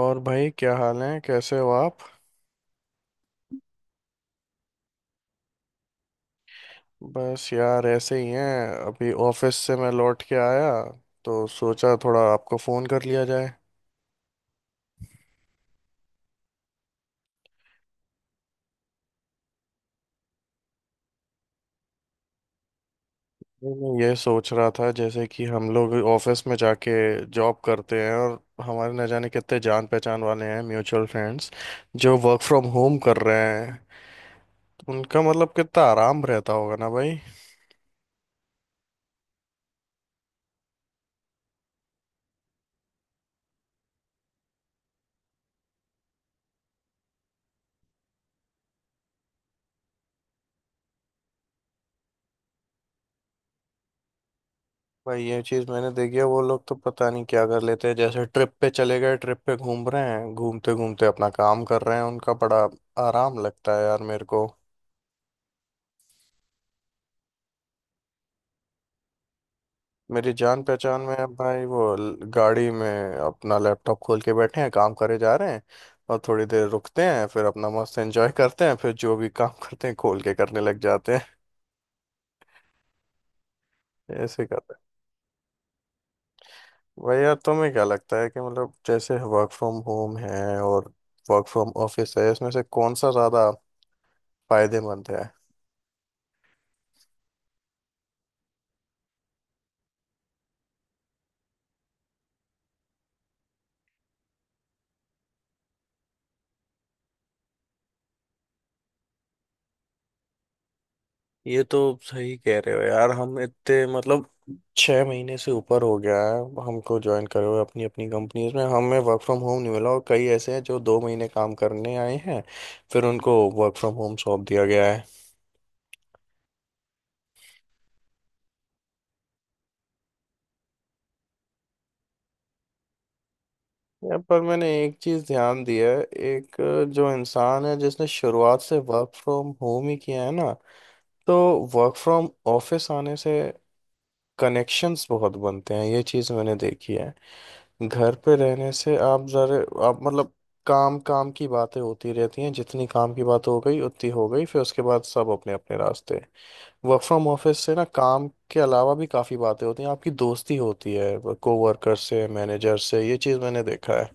और भाई, क्या हाल है? कैसे हो आप? बस यार ऐसे ही हैं। अभी ऑफिस से मैं लौट के आया, तो सोचा थोड़ा आपको फ़ोन कर लिया जाए। नहीं, मैं ये सोच रहा था जैसे कि हम लोग ऑफिस में जाके जॉब करते हैं, और हमारे न जाने कितने जान पहचान वाले हैं, म्यूचुअल फ्रेंड्स जो वर्क फ्रॉम होम कर रहे हैं, उनका मतलब कितना आराम रहता होगा ना भाई। भाई, ये चीज मैंने देखी है। वो लोग तो पता नहीं क्या कर लेते हैं, जैसे ट्रिप पे चले गए, ट्रिप पे घूम रहे हैं, घूमते घूमते अपना काम कर रहे हैं। उनका बड़ा आराम लगता है यार मेरे को। मेरी जान पहचान में है भाई। वो गाड़ी में अपना लैपटॉप खोल के बैठे हैं, काम करे जा रहे हैं। और थोड़ी देर रुकते हैं, फिर अपना मस्त एंजॉय करते हैं, फिर जो भी काम करते हैं खोल के करने लग जाते हैं। ऐसे करते हैं। भाई यार, तुम्हें क्या लगता है कि मतलब जैसे वर्क फ्रॉम होम है और वर्क फ्रॉम ऑफिस है, इसमें से कौन सा ज्यादा फायदेमंद है? ये तो सही कह रहे हो यार। हम इतने मतलब 6 महीने से ऊपर हो गया है हमको ज्वाइन करे हुए अपनी अपनी कंपनीज में, हमें वर्क फ्रॉम होम नहीं मिला। और कई ऐसे हैं जो 2 महीने काम करने आए हैं, फिर उनको वर्क फ्रॉम होम सौंप दिया गया है। यहाँ पर मैंने एक चीज़ ध्यान दी है। एक जो इंसान है जिसने शुरुआत से वर्क फ्रॉम होम ही किया है ना, तो वर्क फ्रॉम ऑफिस आने से कनेक्शंस बहुत बनते हैं, ये चीज़ मैंने देखी है। घर पे रहने से आप जरा, आप मतलब काम काम की बातें होती रहती हैं, जितनी काम की बात हो गई उतनी हो गई, फिर उसके बाद सब अपने अपने रास्ते। वर्क फ्रॉम ऑफिस से ना काम के अलावा भी काफ़ी बातें होती हैं, आपकी दोस्ती होती है कोवर्कर से, मैनेजर से, ये चीज़ मैंने देखा है।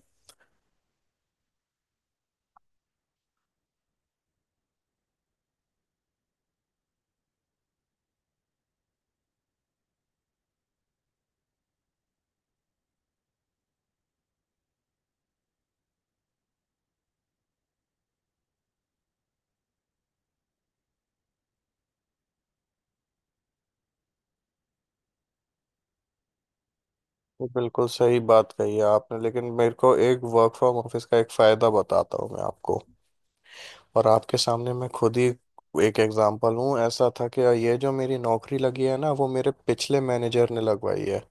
ये बिल्कुल सही बात कही है आपने। लेकिन मेरे को एक वर्क फ्रॉम ऑफिस का एक फ़ायदा बताता हूँ मैं आपको, और आपके सामने मैं खुद ही एक एग्जांपल हूँ। ऐसा था कि ये जो मेरी नौकरी लगी है ना, वो मेरे पिछले मैनेजर ने लगवाई है।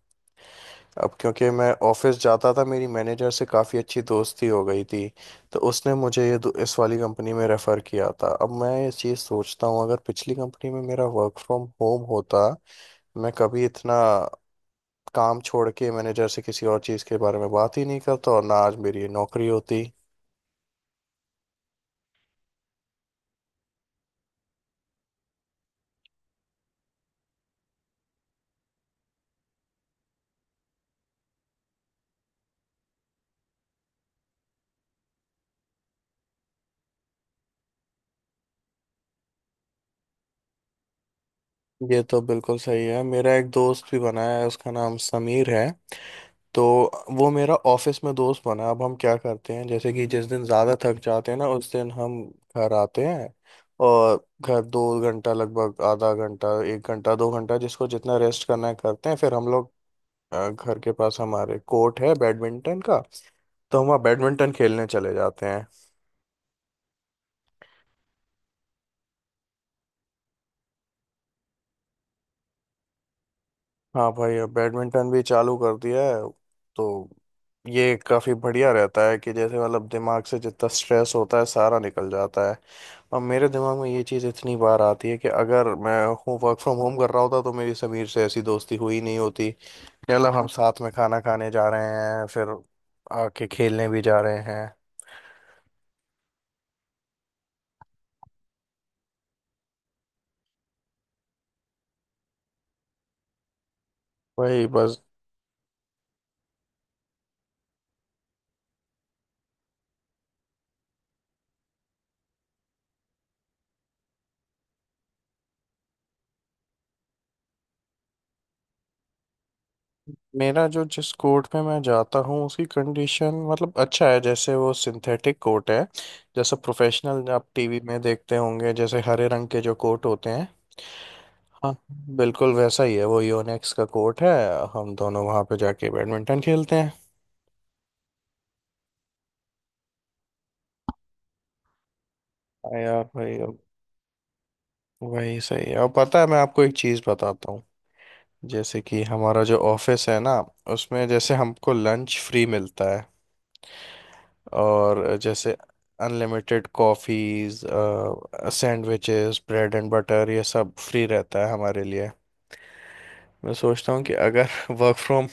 अब क्योंकि मैं ऑफिस जाता था, मेरी मैनेजर से काफ़ी अच्छी दोस्ती हो गई थी, तो उसने मुझे ये इस वाली कंपनी में रेफ़र किया था। अब मैं ये चीज़ सोचता हूँ, अगर पिछली कंपनी में मेरा वर्क फ्रॉम होम होता, मैं कभी इतना काम छोड़ के मैनेजर से किसी और चीज़ के बारे में बात ही नहीं करता, और ना आज मेरी ये नौकरी होती। ये तो बिल्कुल सही है। मेरा एक दोस्त भी बना है, उसका नाम समीर है। तो वो मेरा ऑफिस में दोस्त बना। अब हम क्या करते हैं, जैसे कि जिस दिन ज़्यादा थक जाते हैं ना, उस दिन हम घर आते हैं, और घर 2 घंटा लगभग, आधा घंटा, 1 घंटा, 2 घंटा जिसको जितना रेस्ट करना है करते हैं, फिर हम लोग घर के पास हमारे कोर्ट है बैडमिंटन का, तो हम वहाँ बैडमिंटन खेलने चले जाते हैं। हाँ भाई, अब बैडमिंटन भी चालू कर दिया है। तो ये काफ़ी बढ़िया रहता है कि जैसे मतलब दिमाग से जितना स्ट्रेस होता है सारा निकल जाता है। और मेरे दिमाग में ये चीज़ इतनी बार आती है कि अगर मैं वर्क फ्रॉम होम कर रहा होता, तो मेरी समीर से ऐसी दोस्ती हुई नहीं होती कि मतलब हम साथ में खाना खाने जा रहे हैं, फिर आके खेलने भी जा रहे हैं। वही बस। मेरा जो, जिस कोर्ट में मैं जाता हूँ उसकी कंडीशन मतलब अच्छा है, जैसे वो सिंथेटिक कोर्ट है, जैसे प्रोफेशनल आप टीवी में देखते होंगे जैसे हरे रंग के जो कोर्ट होते हैं। हाँ, बिल्कुल वैसा ही है। वो योनेक्स का कोर्ट है, हम दोनों वहाँ पे जाके बैडमिंटन खेलते हैं। हाँ यार भाई, अब वही सही है। और पता है, मैं आपको एक चीज़ बताता हूँ, जैसे कि हमारा जो ऑफिस है ना, उसमें जैसे हमको लंच फ्री मिलता है, और जैसे unlimited coffees, sandwiches, bread and butter, ये सब फ्री रहता है हमारे लिए। मैं सोचता हूँ कि अगर वर्क फ्रॉम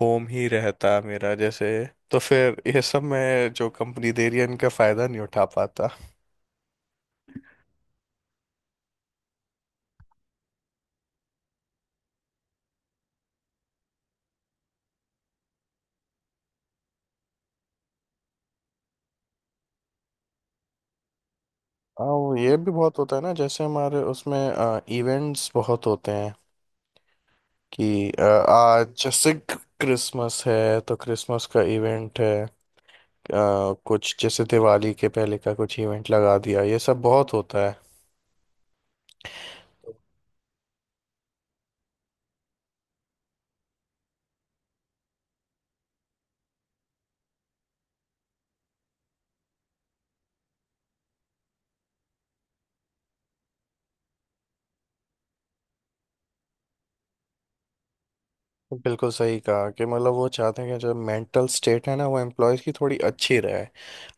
होम ही रहता मेरा, जैसे तो फिर ये सब, मैं जो कंपनी दे रही है, इनका फ़ायदा नहीं उठा पाता। हाँ, वो ये भी बहुत होता है ना, जैसे हमारे उसमें इवेंट्स बहुत होते हैं, कि आज जैसे क्रिसमस है तो क्रिसमस का इवेंट है, कुछ जैसे दिवाली के पहले का कुछ इवेंट लगा दिया, ये सब बहुत होता है। बिल्कुल सही कहा कि मतलब वो चाहते हैं कि जो मेंटल स्टेट है ना, वो एम्प्लॉयज़ की थोड़ी अच्छी रहे।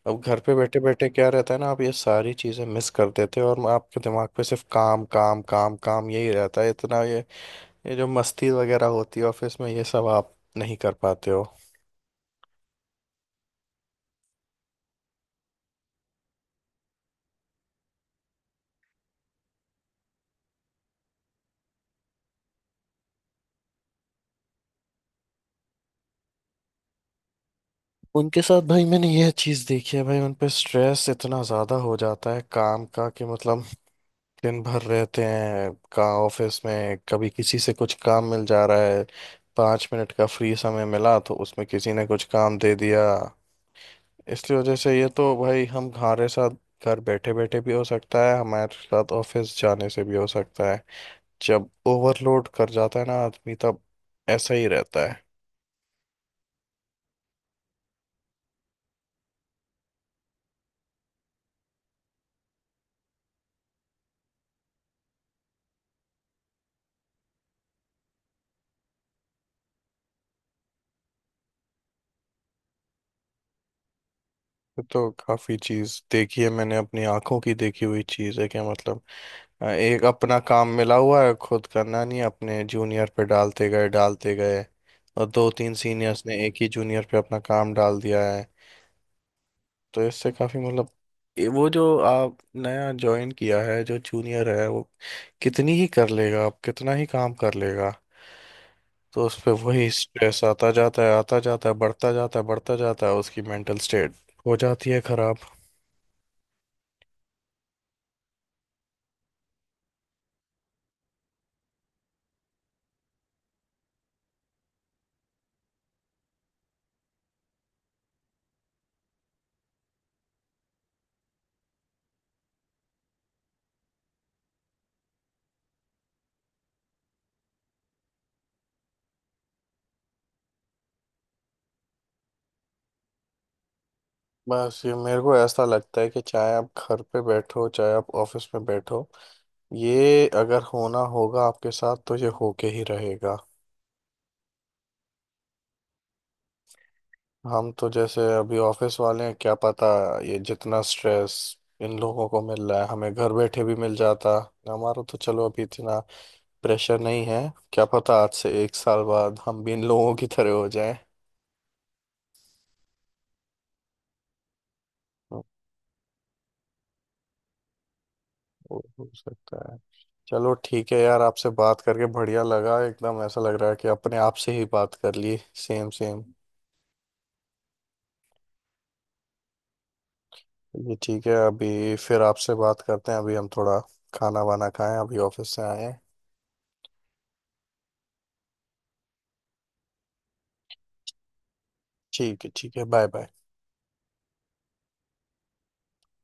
अब घर पे बैठे बैठे क्या रहता है ना, आप ये सारी चीज़ें मिस कर देते हो, और आपके दिमाग पे सिर्फ काम काम काम काम यही रहता है इतना, ये जो मस्ती वगैरह होती है ऑफिस में, ये सब आप नहीं कर पाते हो। उनके साथ भाई मैंने यह चीज़ देखी है भाई, उन पे स्ट्रेस इतना ज़्यादा हो जाता है काम का कि मतलब दिन भर रहते हैं कहाँ, ऑफिस में कभी किसी से कुछ काम मिल जा रहा है, 5 मिनट का फ्री समय मिला तो उसमें किसी ने कुछ काम दे दिया। इसलिए वजह से ये तो भाई, हम हमारे साथ घर बैठे बैठे भी हो सकता है, हमारे साथ ऑफिस जाने से भी हो सकता है। जब ओवरलोड कर जाता है ना आदमी, तब ऐसा ही रहता है। ये तो काफी चीज देखी है मैंने, अपनी आंखों की देखी हुई चीज है। क्या मतलब, एक अपना काम मिला हुआ है, खुद करना नहीं है, अपने जूनियर पे डालते गए डालते गए। और 2-3 सीनियर्स ने एक ही जूनियर पे अपना काम डाल दिया है, तो इससे काफी मतलब, ये वो जो आप नया ज्वाइन किया है, जो जूनियर है वो कितनी ही कर लेगा, आप कितना ही काम कर लेगा, तो उस पे वही स्ट्रेस आता जाता है, आता जाता है, बढ़ता जाता है, बढ़ता जाता है, उसकी मेंटल स्टेट हो जाती है खराब। बस ये मेरे को ऐसा लगता है कि चाहे आप घर पे बैठो, चाहे आप ऑफिस में बैठो, ये अगर होना होगा आपके साथ, तो ये होके ही रहेगा। हम तो जैसे अभी ऑफिस वाले हैं, क्या पता ये जितना स्ट्रेस इन लोगों को मिल रहा है, हमें घर बैठे भी मिल जाता। हमारा तो चलो अभी इतना प्रेशर नहीं है, क्या पता आज से 1 साल बाद हम भी इन लोगों की तरह हो जाएं। हो हो सकता है। चलो ठीक है यार, आपसे बात करके बढ़िया लगा, एकदम ऐसा लग रहा है कि अपने आप से ही बात कर ली। Same same. ये ठीक है, अभी फिर आपसे बात करते हैं, अभी हम थोड़ा खाना वाना खाएं, अभी ऑफिस से आए हैं। ठीक है ठीक है, बाय बाय।